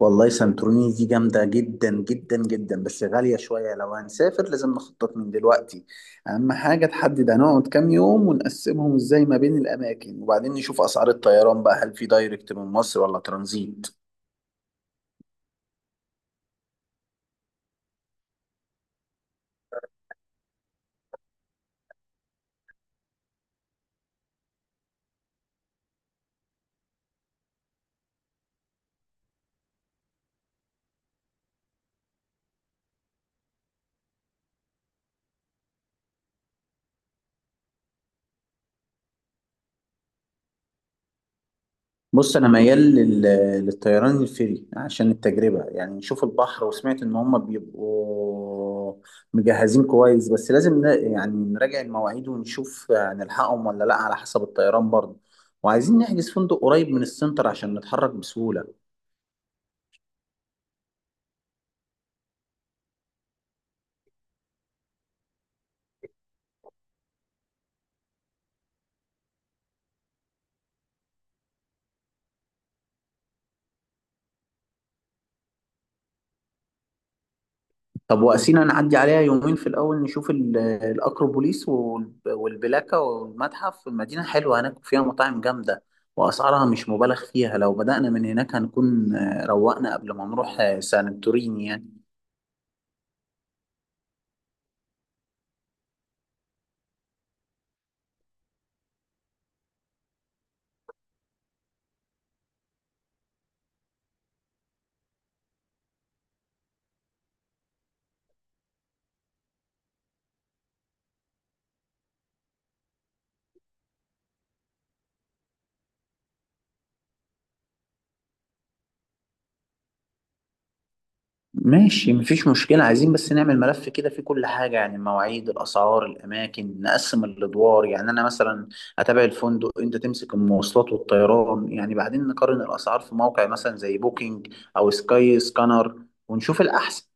والله سانتوريني دي جامدة جدا جدا جدا، بس غالية شوية. لو هنسافر لازم نخطط من دلوقتي. أهم حاجة تحدد هنقعد كام يوم ونقسمهم إزاي ما بين الأماكن، وبعدين نشوف أسعار الطيران بقى، هل في دايركت من مصر ولا ترانزيت؟ بص انا ميال للطيران الفري عشان التجربه، يعني نشوف البحر، وسمعت ان هم بيبقوا مجهزين كويس. بس لازم يعني نراجع المواعيد ونشوف هنلحقهم ولا لا على حسب الطيران برضه. وعايزين نحجز فندق قريب من السنتر عشان نتحرك بسهوله. طب وقسينا نعدي عليها يومين في الأول، نشوف الأكروبوليس والبلاكة والمتحف. المدينة حلوة هناك، فيها مطاعم جامدة وأسعارها مش مبالغ فيها. لو بدأنا من هناك هنكون روقنا قبل ما نروح سانتوريني يعني. ماشي مفيش مشكلة، عايزين بس نعمل ملف كده فيه كل حاجة، يعني المواعيد الأسعار الأماكن. نقسم الأدوار، يعني أنا مثلا أتابع الفندق، أنت تمسك المواصلات والطيران، يعني بعدين نقارن الأسعار في موقع مثلا زي بوكينج أو سكاي سكانر ونشوف الأحسن.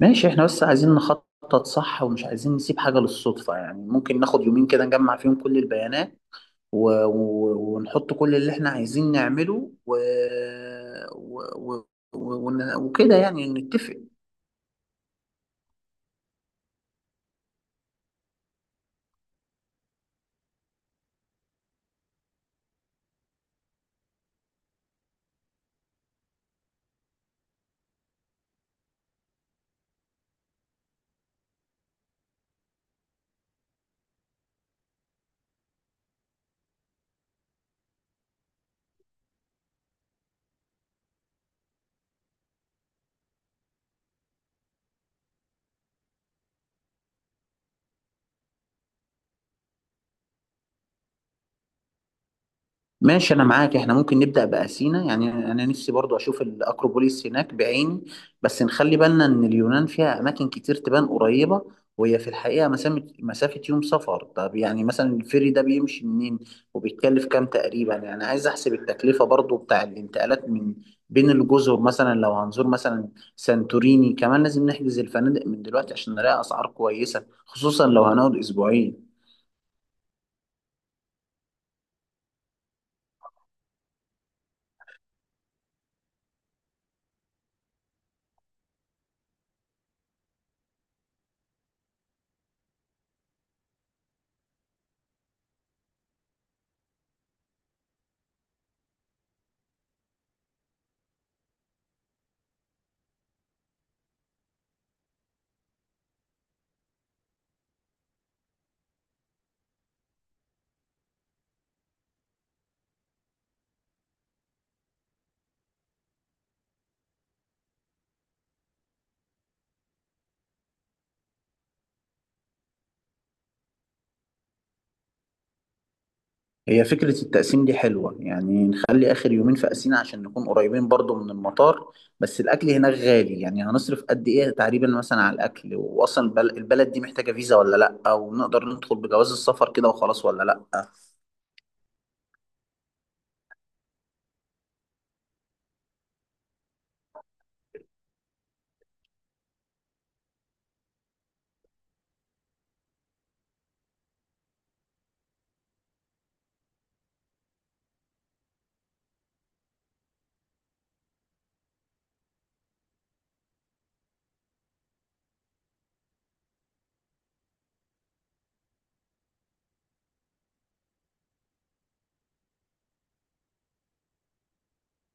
ماشي، احنا بس عايزين نخطط صح ومش عايزين نسيب حاجة للصدفة. يعني ممكن ناخد يومين كده نجمع فيهم كل البيانات ونحط كل اللي احنا عايزين نعمله و... و... وكده يعني نتفق. ماشي انا معاك، احنا ممكن نبدا باثينا، يعني انا نفسي برضو اشوف الاكروبوليس هناك بعيني. بس نخلي بالنا ان اليونان فيها اماكن كتير تبان قريبه وهي في الحقيقه مسافه، يوم سفر. طب يعني مثلا الفيري ده بيمشي منين وبيتكلف كام تقريبا؟ يعني عايز احسب التكلفه برضو بتاع الانتقالات من بين الجزر. مثلا لو هنزور مثلا سانتوريني كمان لازم نحجز الفنادق من دلوقتي عشان نلاقي اسعار كويسه، خصوصا لو هنقعد اسبوعين. هي فكرة التقسيم دي حلوة، يعني نخلي آخر يومين في أسينا عشان نكون قريبين برضو من المطار. بس الأكل هناك غالي، يعني هنصرف قد إيه تقريبا مثلا على الأكل؟ وأصلا البلد دي محتاجة فيزا ولا لأ؟ ونقدر ندخل بجواز السفر كده وخلاص ولا لأ؟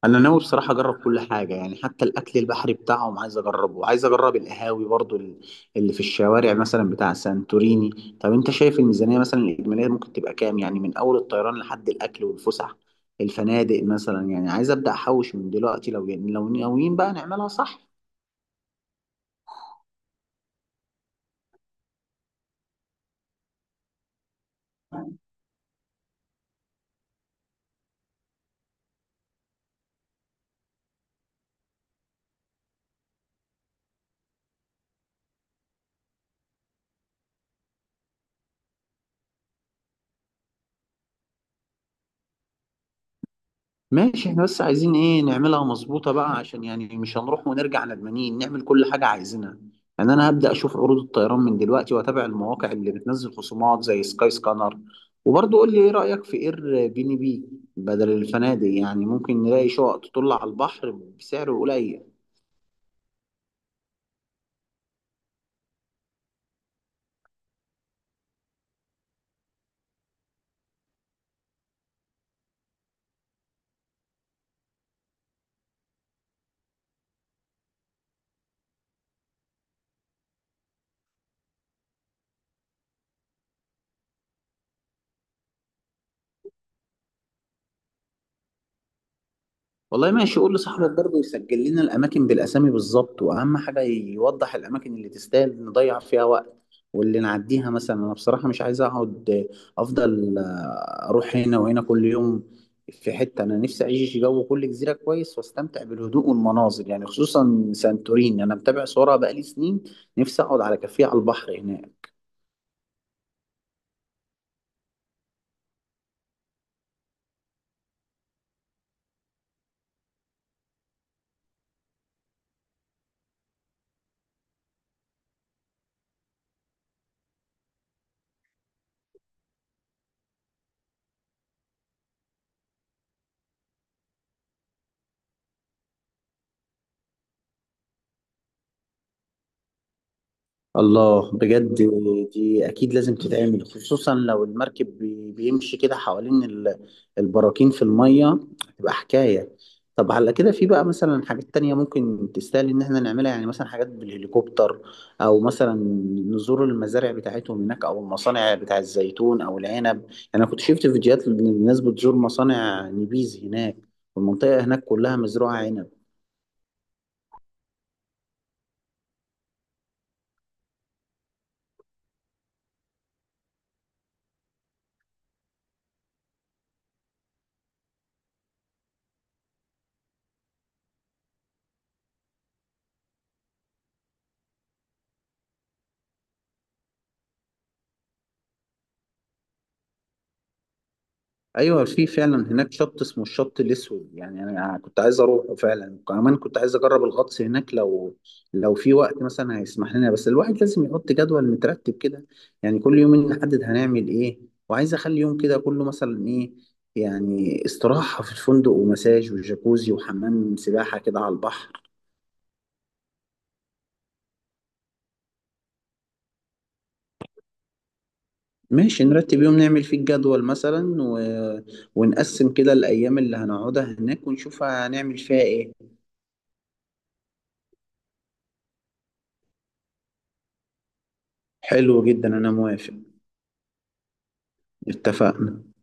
انا ناوي بصراحه اجرب كل حاجه، يعني حتى الاكل البحري بتاعهم عايز اجربه، عايز اجرب القهاوي برضو اللي في الشوارع مثلا بتاع سانتوريني. طب انت شايف الميزانيه مثلا الاجماليه ممكن تبقى كام، يعني من اول الطيران لحد الاكل والفسح الفنادق مثلا؟ يعني عايز ابدا احوش من دلوقتي لو ناويين بقى نعملها صح. ماشي احنا بس عايزين ايه، نعملها مظبوطة بقى، عشان يعني مش هنروح ونرجع ندمانين، نعمل كل حاجة عايزينها. يعني انا هبدأ اشوف عروض الطيران من دلوقتي واتابع المواقع اللي بتنزل خصومات زي سكاي سكانر. وبرضه قول لي ايه رأيك في اير بي ان بي بدل الفنادق؟ يعني ممكن نلاقي شقق تطل على البحر بسعر قليل. والله ماشي، قول لصاحبك برضه يسجل لنا الاماكن بالاسامي بالظبط، واهم حاجه يوضح الاماكن اللي تستاهل نضيع فيها وقت واللي نعديها. مثلا انا بصراحه مش عايز اقعد، افضل اروح هنا وهنا كل يوم في حته. انا نفسي اعيش جو كل جزيره كويس واستمتع بالهدوء والمناظر، يعني خصوصا سانتوريني انا متابع صورها بقالي سنين. نفسي اقعد على كافيه على البحر هناك. الله، بجد دي اكيد لازم تتعمل، خصوصا لو المركب بيمشي كده حوالين البراكين في المية، تبقى حكاية. طب على كده في بقى مثلا حاجات تانية ممكن تستاهل ان احنا نعملها، يعني مثلا حاجات بالهليكوبتر، او مثلا نزور المزارع بتاعتهم هناك، او المصانع بتاع الزيتون او العنب. يعني انا كنت شفت فيديوهات للناس بتزور مصانع نبيز هناك، والمنطقة هناك كلها مزروعة عنب. ايوه في فعلا هناك شط اسمه الشط الاسود، يعني انا كنت عايز اروحه فعلا. كمان كنت عايز اجرب الغطس هناك لو في وقت مثلا هيسمح لنا. بس الواحد لازم يحط جدول مترتب كده، يعني كل يومين نحدد هنعمل ايه. وعايز اخلي يوم كده كله مثلا ايه، يعني استراحة في الفندق ومساج وجاكوزي وحمام سباحة كده على البحر. ماشي نرتب يوم نعمل فيه الجدول مثلا، ونقسم كده الأيام اللي هنقعدها هناك ونشوف هنعمل فيها ايه. حلو جدا، أنا موافق. اتفقنا.